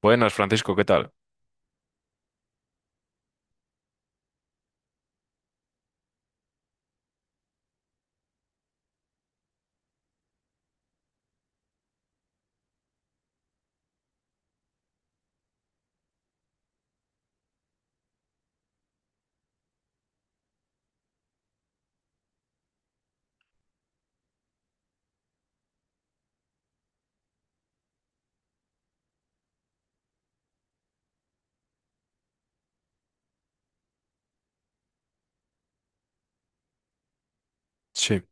Buenas, Francisco, ¿qué tal? Sí,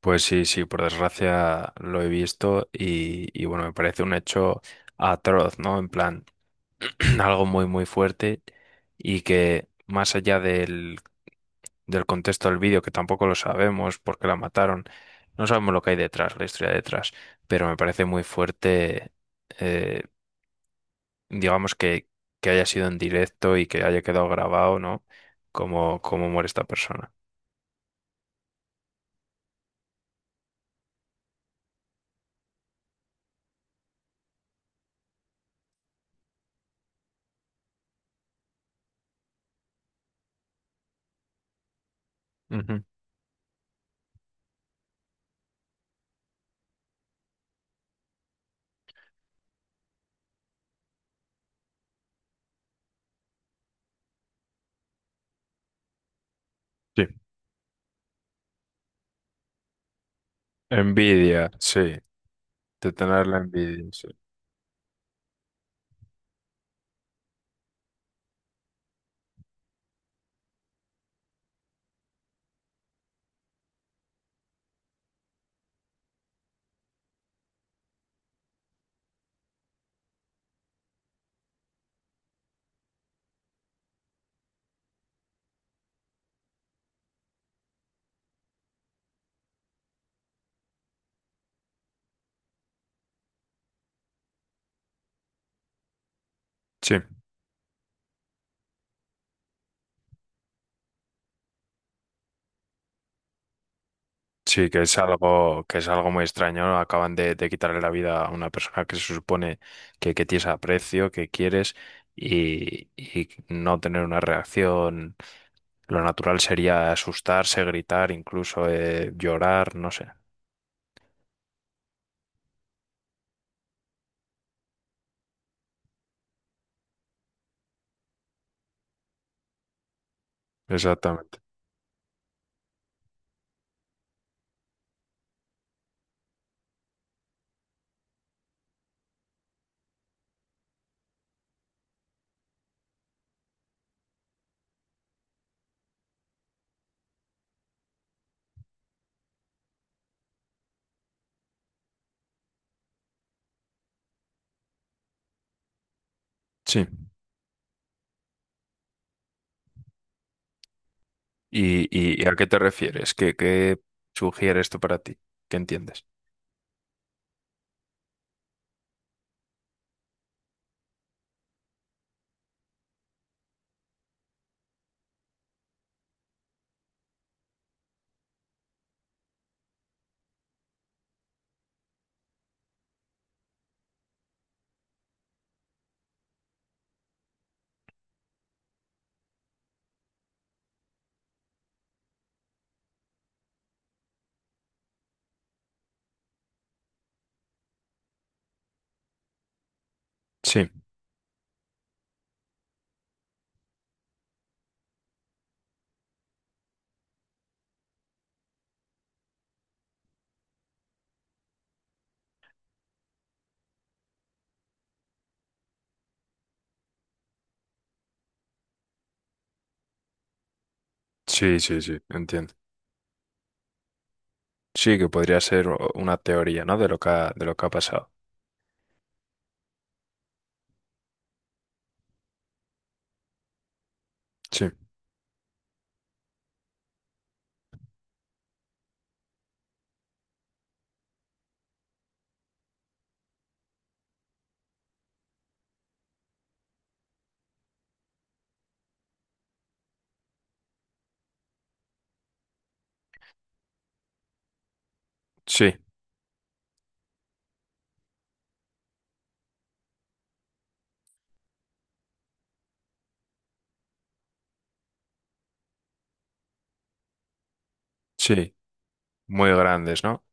pues sí, sí, por desgracia lo he visto y bueno, me parece un hecho atroz, ¿no? En plan, algo muy, muy fuerte y que más allá del contexto del vídeo, que tampoco lo sabemos porque la mataron, no sabemos lo que hay detrás, la historia detrás, pero me parece muy fuerte, eh, digamos, que haya sido en directo y que haya quedado grabado, ¿no? Como, como muere esta persona. Ujú. Sí. Envidia, sí. De tener la envidia. Sí, sí, sí, que es algo muy extraño, ¿no? Acaban de quitarle la vida a una persona que se supone que tienes aprecio, que quieres, y no tener una reacción. Lo natural sería asustarse, gritar, incluso llorar, no sé. Exactamente. Sí. ¿Y, y a qué te refieres? ¿Qué, qué sugiere esto para ti? ¿Qué entiendes? Sí, sí, sí, sí, entiendo. Sí, que podría ser una teoría, ¿no? De lo que de lo que ha pasado. Sí. Sí, sí, muy grandes, ¿no?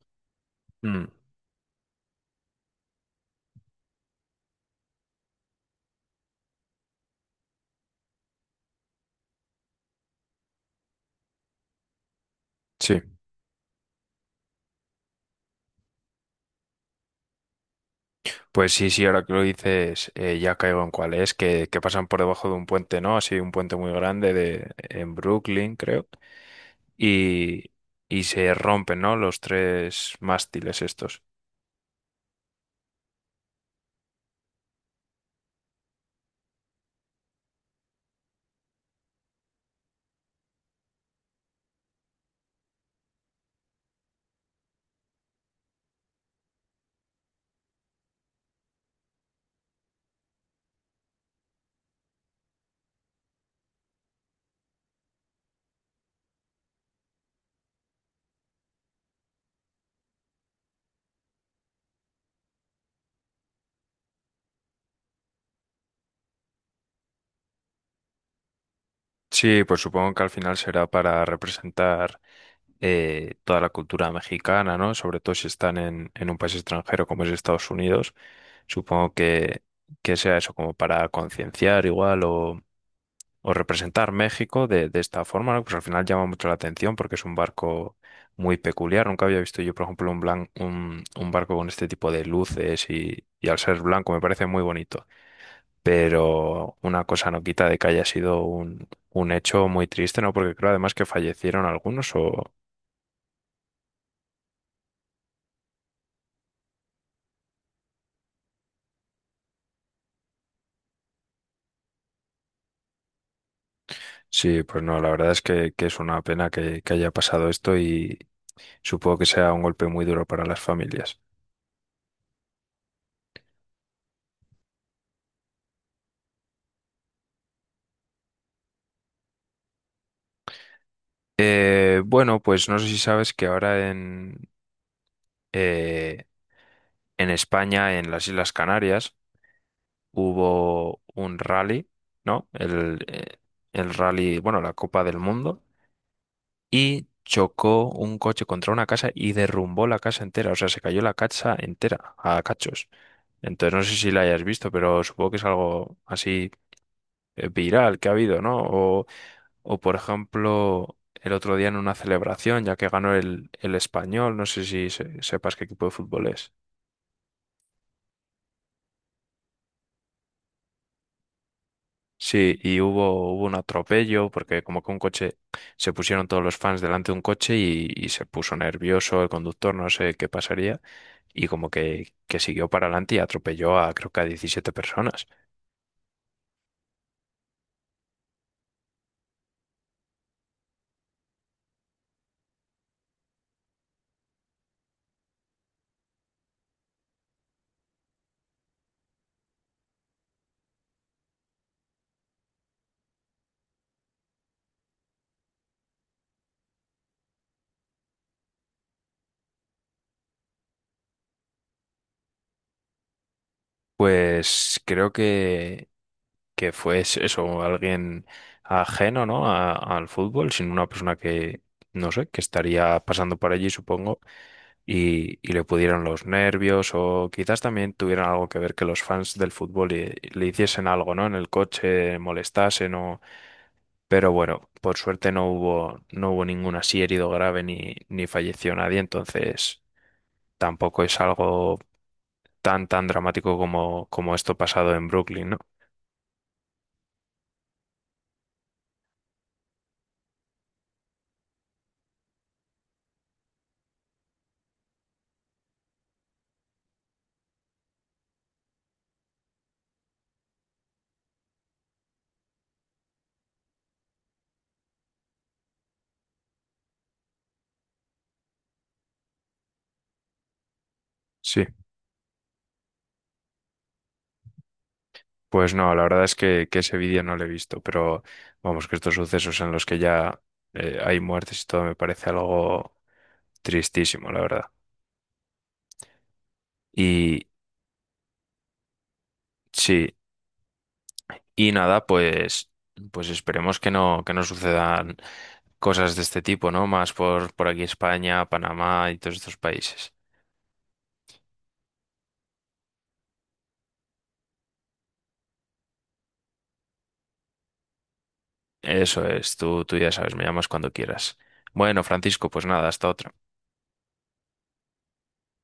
Mm, sí, pues sí, sí, ahora que lo dices, ya caigo en cuál es, que pasan por debajo de un puente, ¿no? Así, un puente muy grande de, en Brooklyn, creo, y, y se rompen, ¿no? Los tres mástiles estos. Sí, pues supongo que al final será para representar toda la cultura mexicana, ¿no? Sobre todo si están en un país extranjero como es Estados Unidos. Supongo que sea eso como para concienciar igual o representar México de esta forma, ¿no? Pues al final llama mucho la atención porque es un barco muy peculiar. Nunca había visto yo, por ejemplo, un, un barco con este tipo de luces y al ser blanco me parece muy bonito. Pero una cosa no quita de que haya sido un hecho muy triste, ¿no? Porque creo además que fallecieron algunos o... Sí, pues no, la verdad es que es una pena que haya pasado esto y supongo que sea un golpe muy duro para las familias. Bueno, pues no sé si sabes que ahora eh, en España, en las Islas Canarias, hubo un rally, ¿no? El rally, bueno, la Copa del Mundo, y chocó un coche contra una casa y derrumbó la casa entera, o sea, se cayó la casa entera a cachos. Entonces, no sé si la hayas visto, pero supongo que es algo así viral que ha habido, ¿no? O por ejemplo, el otro día en una celebración, ya que ganó el Español, no sé si sepas qué equipo de fútbol es. Sí, y hubo, hubo un atropello porque como que un coche, se pusieron todos los fans delante de un coche y se puso nervioso el conductor, no sé qué pasaría, y como que siguió para adelante y atropelló a creo que a 17 personas. Pues creo que fue eso, alguien ajeno, ¿no? Al fútbol, sino una persona que, no sé, que estaría pasando por allí, supongo, y le pudieron los nervios o quizás también tuvieran algo que ver que los fans del fútbol le, le hiciesen algo, ¿no? En el coche, molestasen o... Pero bueno, por suerte no hubo, no hubo ningún así herido grave ni, ni falleció nadie, entonces tampoco es algo tan, tan dramático como, como esto pasado en Brooklyn, ¿no? Sí, pues no, la verdad es que ese vídeo no lo he visto, pero vamos, que estos sucesos en los que ya hay muertes y todo me parece algo tristísimo, la verdad. Y sí, y nada, pues, pues esperemos que no sucedan cosas de este tipo, ¿no? Más por aquí España, Panamá y todos estos países. Eso es, tú ya sabes, me llamas cuando quieras. Bueno, Francisco, pues nada, hasta otra.